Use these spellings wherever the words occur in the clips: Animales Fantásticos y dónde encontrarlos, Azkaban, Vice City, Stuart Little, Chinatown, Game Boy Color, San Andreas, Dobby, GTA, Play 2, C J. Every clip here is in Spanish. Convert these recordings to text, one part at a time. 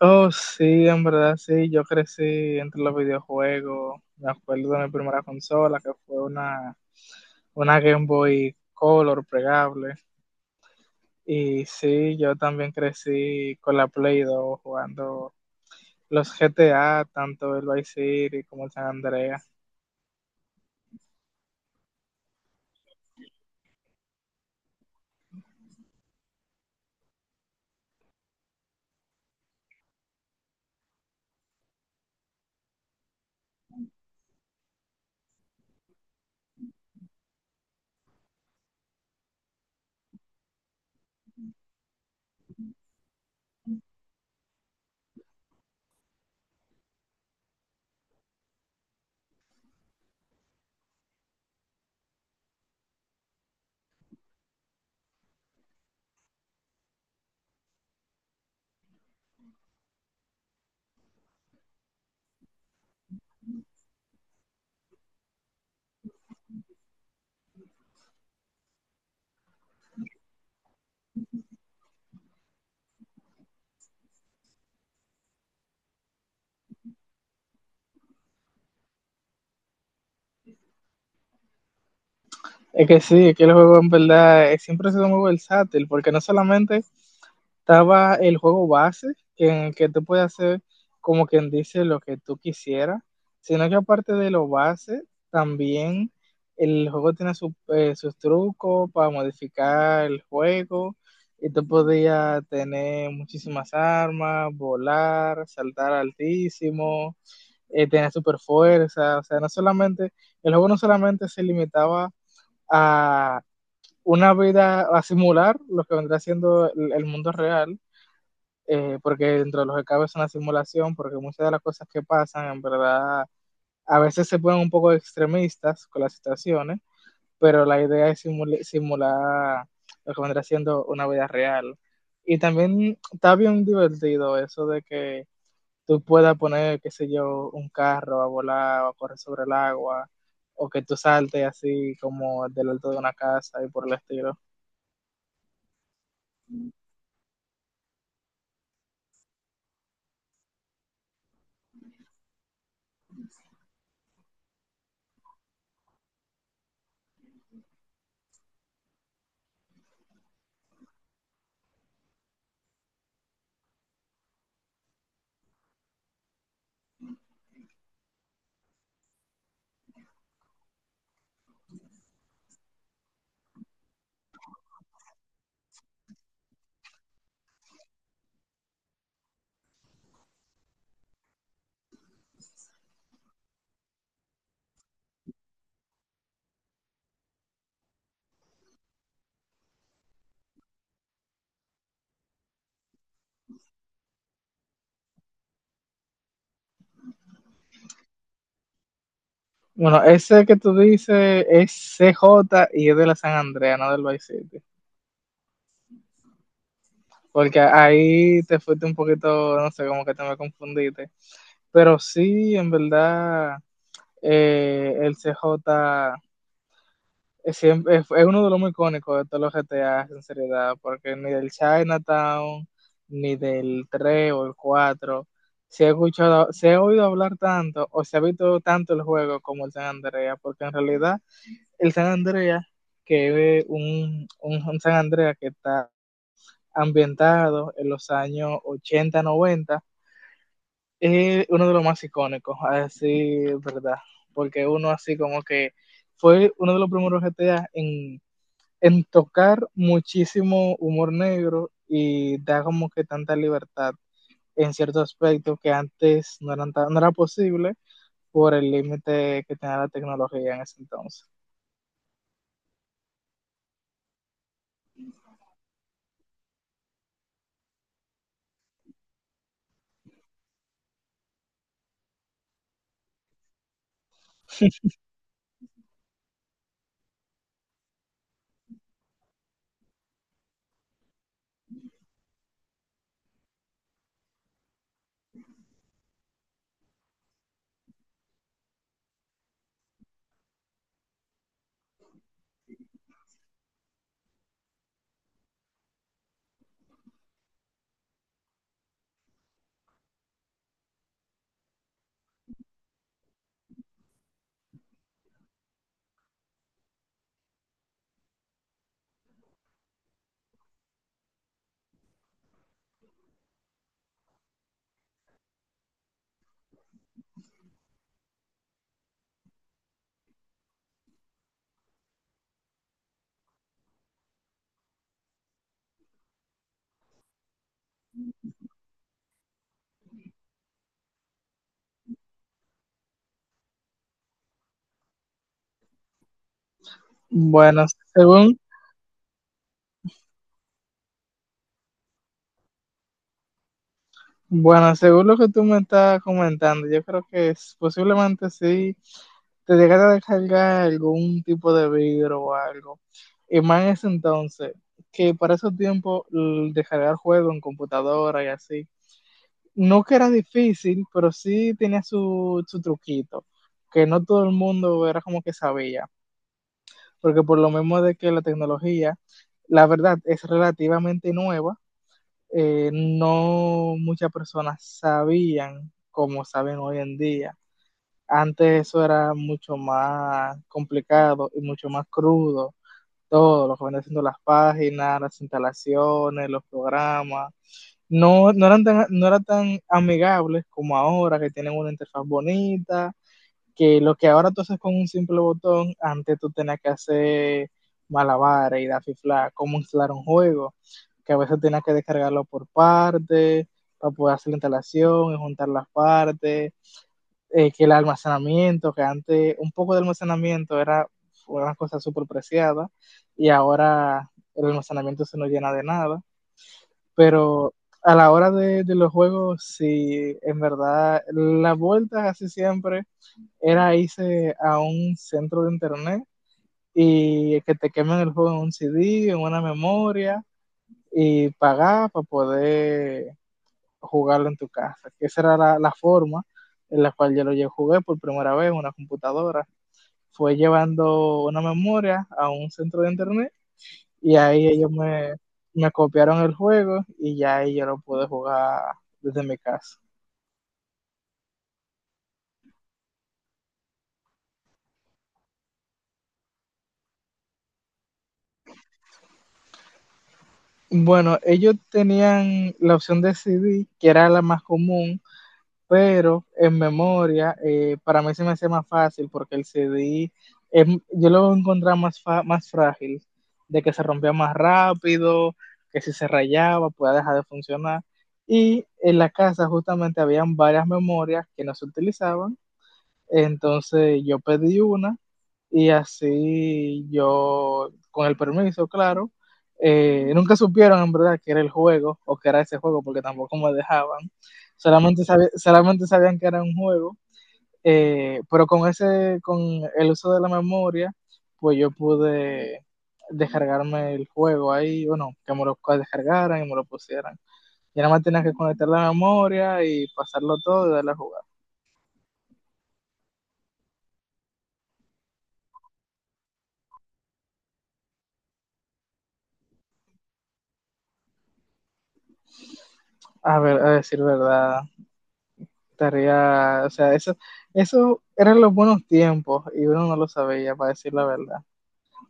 Oh, sí, en verdad, sí, yo crecí entre los videojuegos. Me acuerdo de mi primera consola, que fue una Game Boy Color plegable. Y sí, yo también crecí con la Play 2 jugando los GTA, tanto el Vice City como el San Andreas. Es que sí, es que el juego en verdad siempre ha sido muy versátil, porque no solamente estaba el juego base, que, en el que tú puedes hacer, como quien dice, lo que tú quisieras, sino que aparte de lo base, también el juego tiene sus trucos para modificar el juego, y tú podías tener muchísimas armas, volar, saltar altísimo, tener super fuerza. O sea, no solamente, el juego no solamente se limitaba a una vida, a simular lo que vendrá siendo el mundo real, porque dentro de los que cabe es una simulación, porque muchas de las cosas que pasan, en verdad, a veces se ponen un poco extremistas con las situaciones, pero la idea es simular lo que vendrá siendo una vida real. Y también está bien divertido eso de que tú puedas poner, qué sé yo, un carro a volar o a correr sobre el agua, o que tú saltes así como del alto de una casa y por el estilo. Bueno, ese que tú dices es C J y es de la San Andrea, no del Vice City. Porque ahí te fuiste un poquito, no sé, como que te me confundiste. Pero sí, en verdad, el CJ es uno de los muy icónicos de todos los GTA, sinceridad, porque ni del Chinatown, ni del 3 o el 4 se ha escuchado, se ha oído hablar tanto o se ha visto tanto el juego como el San Andrea, porque en realidad el San Andrea, que es un San Andrea que está ambientado en los años 80-90, es uno de los más icónicos, así, ¿verdad? Porque uno así como que fue uno de los primeros GTA en tocar muchísimo humor negro y da como que tanta libertad en ciertos aspectos que antes no era posible por el límite que tenía la tecnología en ese entonces. Bueno, según Bueno, según lo que tú me estás comentando, yo creo que posiblemente sí te llegara a descargar algún tipo de vidrio o algo. Y más en ese entonces, que para esos tiempos, descargar juegos en computadora y así, no que era difícil, pero sí tenía su truquito, que no todo el mundo era como que sabía, porque por lo mismo de que la tecnología, la verdad, es relativamente nueva. No muchas personas sabían como saben hoy en día. Antes eso era mucho más complicado y mucho más crudo. Todo lo que venía haciendo: las páginas, las instalaciones, los programas. No eran tan amigables como ahora, que tienen una interfaz bonita, que lo que ahora tú haces con un simple botón, antes tú tenías que hacer malabares y dafifla cómo instalar un juego, que a veces tenías que descargarlo por partes, para poder hacer la instalación y juntar las partes. Eh, que el almacenamiento, que antes un poco de almacenamiento era una cosa súper preciada y ahora el almacenamiento se nos llena de nada, pero a la hora de los juegos, sí, en verdad, las vueltas casi siempre era irse a un centro de internet y que te quemen el juego en un CD, en una memoria, y pagar para poder jugarlo en tu casa. Esa era la forma en la cual yo lo jugué por primera vez en una computadora. Fue llevando una memoria a un centro de internet y ahí me copiaron el juego y ya ahí yo lo pude jugar desde mi casa. Bueno, ellos tenían la opción de CD, que era la más común, pero en memoria, para mí se me hace más fácil, porque el CD yo lo encontraba más más frágil, de que se rompía más rápido, que si se rayaba podía dejar de funcionar. Y en la casa justamente habían varias memorias que no se utilizaban, entonces yo pedí una y así yo, con el permiso, claro, nunca supieron en verdad que era el juego o que era ese juego, porque tampoco me dejaban. Solamente solamente sabían que era un juego, con el uso de la memoria, pues yo pude descargarme el juego ahí, bueno, que me lo descargaran y me lo pusieran. Y nada más tenía que conectar la memoria y pasarlo todo y darle a jugar. A ver, a decir verdad, tarea, o sea, eso eran los buenos tiempos y uno no lo sabía, para decir la verdad.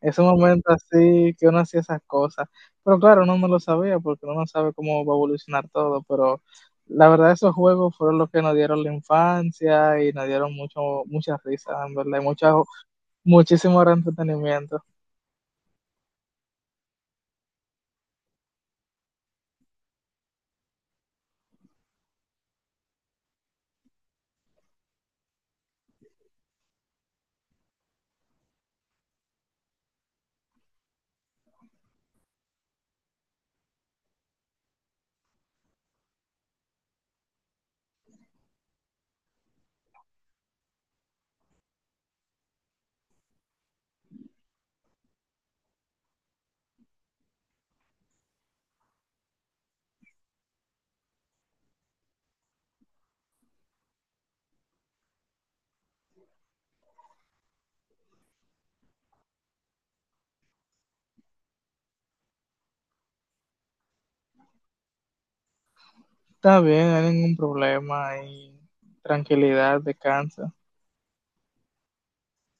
Ese momento así que uno hacía esas cosas, pero claro, uno no lo sabía porque uno no sabe cómo va a evolucionar todo, pero la verdad esos juegos fueron los que nos dieron la infancia y nos dieron muchas risas, en verdad, y muchísimo entretenimiento. Está bien, no hay ningún problema y tranquilidad, descansa.